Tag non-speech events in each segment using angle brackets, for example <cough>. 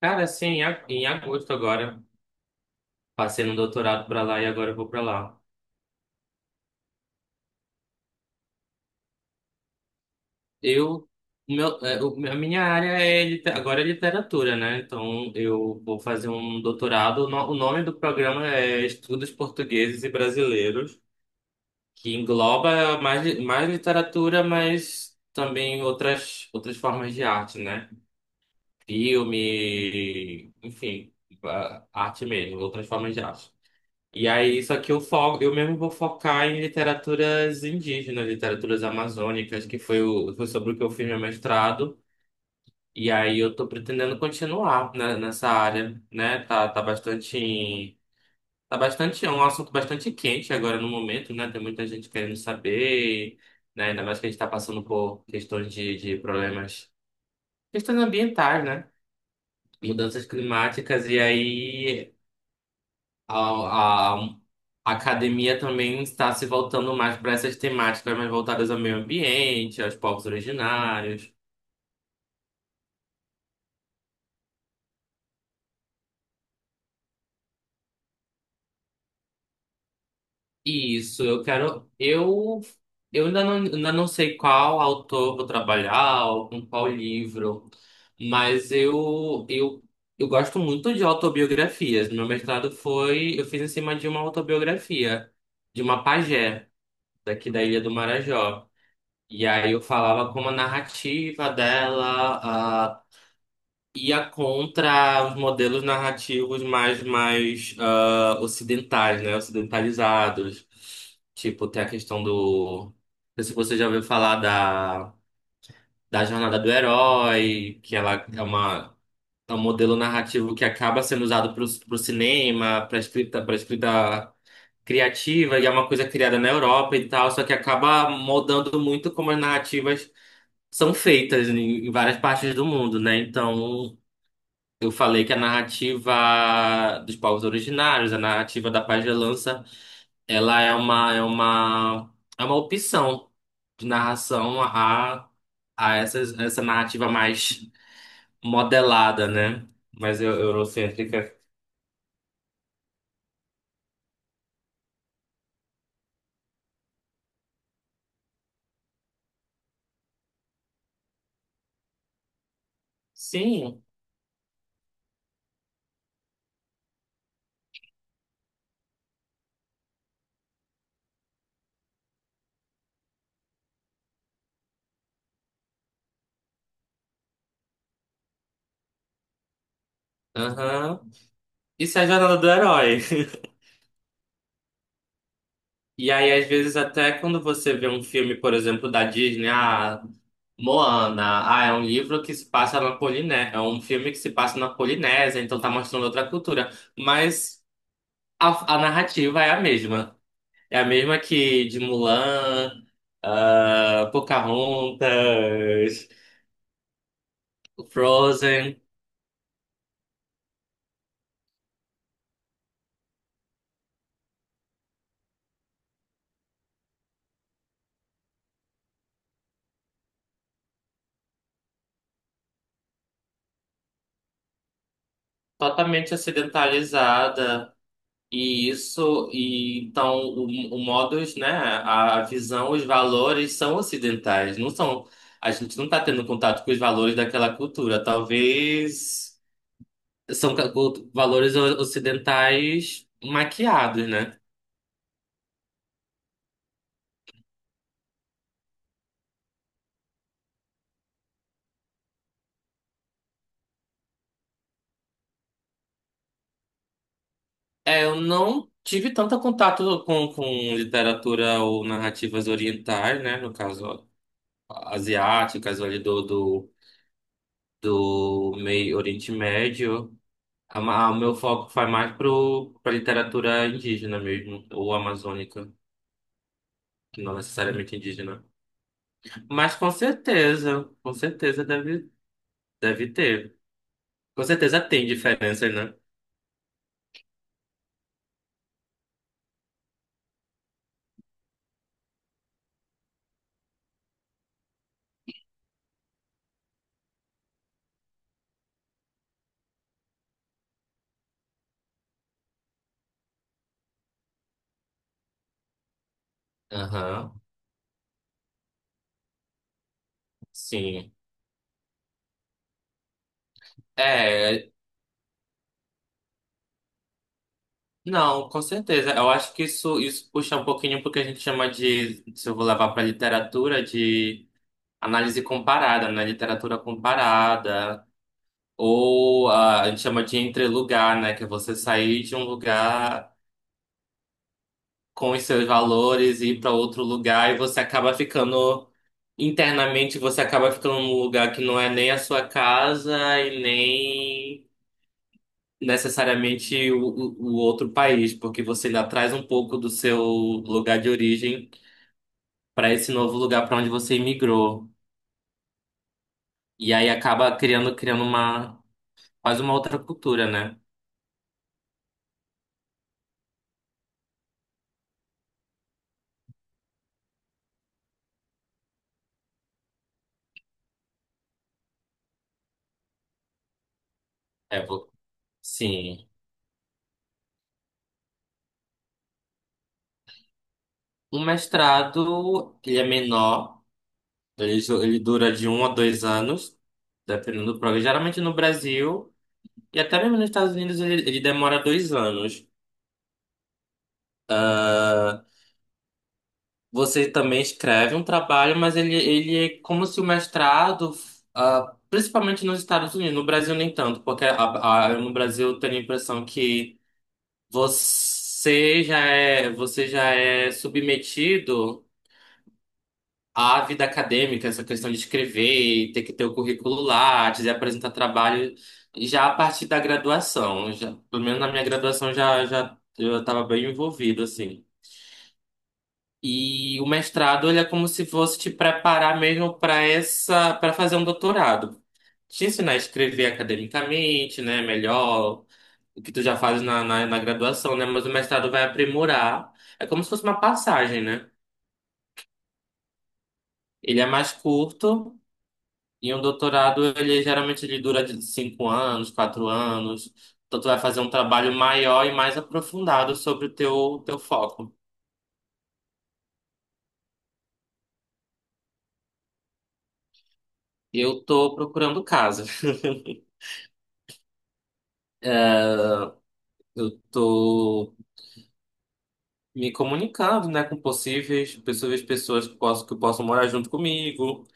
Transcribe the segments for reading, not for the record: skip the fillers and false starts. Cara, assim, em agosto agora, passei no doutorado pra lá e agora eu vou pra lá. Eu, a minha área agora é literatura, né? Então eu vou fazer um doutorado. O no- o nome do programa é Estudos Portugueses e Brasileiros, que engloba mais, mais literatura, mas também outras formas de arte, né? Filme, enfim, arte mesmo, outras formas de arte. E aí, só que eu mesmo vou focar em literaturas indígenas, literaturas amazônicas, que foi sobre o que eu fiz meu mestrado. E aí eu tô pretendendo continuar, né, nessa área, né? Tá bastante, é um assunto bastante quente agora no momento, né? Tem muita gente querendo saber, né? Ainda mais que a gente tá passando por questões de problemas, questões ambientais, né? Mudanças climáticas, e aí A, a- a academia também está se voltando mais para essas temáticas mais voltadas ao meio ambiente, aos povos originários. Isso, eu quero. Eu ainda não sei qual autor vou trabalhar ou com qual livro, mas eu gosto muito de autobiografias. Meu mestrado foi. Eu fiz em cima de uma autobiografia, de uma pajé, daqui da Ilha do Marajó. E aí eu falava como a narrativa dela ia contra os modelos narrativos mais ocidentais, né? Ocidentalizados. Tipo, tem a questão do. Não sei se você já ouviu falar da jornada do herói, que ela é uma. É um modelo narrativo que acaba sendo usado para o cinema, para escrita criativa, e é uma coisa criada na Europa e tal, só que acaba moldando muito como as narrativas são feitas em várias partes do mundo, né? Então, eu falei que a narrativa dos povos originários, a narrativa da pagelança, ela é uma opção de narração a essa narrativa mais modelada, né? Mais eurocêntrica. Sim, aham. Isso é a jornada do herói. <laughs> E aí, às vezes, até quando você vê um filme, por exemplo, da Disney, Moana, é um livro que se passa na Polinésia, é um filme que se passa na Polinésia, então tá mostrando outra cultura, mas a narrativa é a mesma. É a mesma que de Mulan, Pocahontas, Frozen, totalmente ocidentalizada. E isso, e então o modus, né, a visão, os valores são ocidentais, não são. A gente não está tendo contato com os valores daquela cultura, talvez. São valores ocidentais maquiados, né? É, eu não tive tanto contato com literatura ou narrativas orientais, né? No caso, asiáticas, ali do meio Oriente Médio. O meu foco vai mais para literatura indígena mesmo, ou amazônica, que não necessariamente indígena. Mas com certeza deve ter. Com certeza tem diferenças, né? Aham, sim. É, não, com certeza. Eu acho que isso puxa um pouquinho porque a gente chama de, se eu vou levar para literatura, de análise comparada, né? Literatura comparada. Ou a gente chama de entrelugar, né? Que é você sair de um lugar com os seus valores e ir para outro lugar e você acaba ficando, internamente, você acaba ficando num lugar que não é nem a sua casa e nem necessariamente o outro país, porque você já traz um pouco do seu lugar de origem para esse novo lugar para onde você imigrou. E aí acaba criando quase uma outra cultura, né? É, sim. Um mestrado, ele é menor, ele dura de 1 a 2 anos, dependendo do programa. Geralmente no Brasil, e até mesmo nos Estados Unidos, ele demora 2 anos. Você também escreve um trabalho, mas ele é como se o mestrado, principalmente nos Estados Unidos, no Brasil nem tanto, porque no Brasil eu tenho a impressão que você já é submetido à vida acadêmica, essa questão de escrever, e ter que ter o currículo Lattes e apresentar trabalho já a partir da graduação. Já, pelo menos na minha graduação já eu estava bem envolvido, assim. E o mestrado, ele é como se fosse te preparar mesmo para fazer um doutorado. Te ensinar a escrever academicamente, né, melhor, o que tu já fazes na graduação, né, mas o mestrado vai aprimorar. É como se fosse uma passagem, né? Ele é mais curto e um doutorado, ele geralmente ele dura de 5 anos, 4 anos. Então tu vai fazer um trabalho maior e mais aprofundado sobre o teu foco. Eu tô procurando casa. <laughs> Eu tô me comunicando, né, com possíveis pessoas que possam morar junto comigo,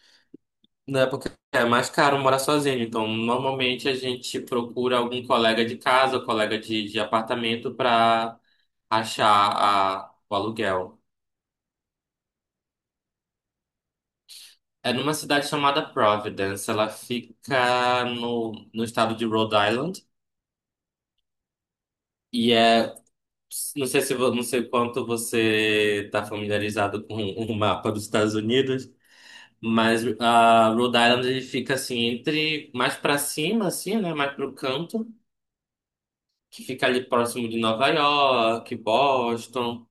né, porque é mais caro morar sozinho. Então, normalmente a gente procura algum colega de casa, colega de apartamento para achar o aluguel. É numa cidade chamada Providence, ela fica no estado de Rhode Island, e não sei quanto você está familiarizado com o mapa dos Estados Unidos. Mas a Rhode Island ele fica assim entre mais pra cima assim, né, mais pro canto, que fica ali próximo de Nova York, Boston.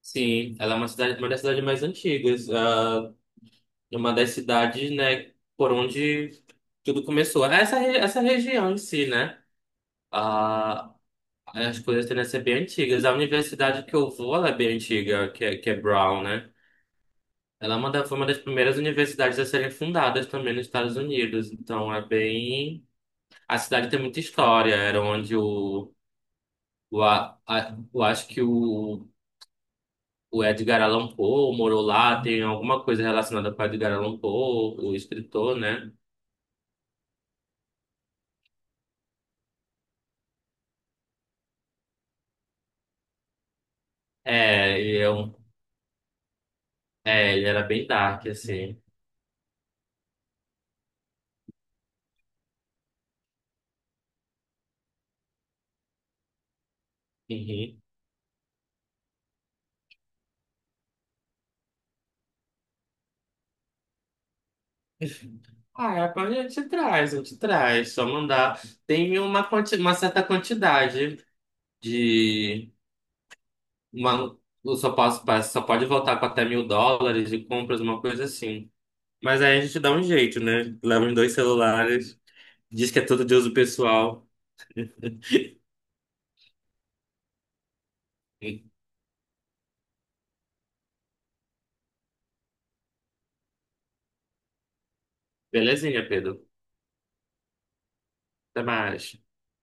Sim, ela é uma cidade, uma das cidades mais antigas, é uma das cidades, né, por onde tudo começou. Essa essa região em si, né? ah, as coisas tendem a ser bem antigas. A universidade que eu vou, ela é bem antiga, que é Brown, né? Ela foi uma das primeiras universidades a serem fundadas também nos Estados Unidos. Então é bem A cidade tem muita história. Era onde eu acho que o Edgar Allan Poe morou lá. Tem alguma coisa relacionada com o Edgar Allan Poe, o escritor, né? É, ele era bem dark, assim. Uhum. Ah, a gente traz, a gente traz. Só mandar. Tem uma certa quantidade de. Uma, eu só posso, só pode voltar com até US$ 1.000 de compras, uma coisa assim. Mas aí a gente dá um jeito, né? Leva os dois celulares. Diz que é tudo de uso pessoal. <laughs> Belezinha, Pedro. Até mais.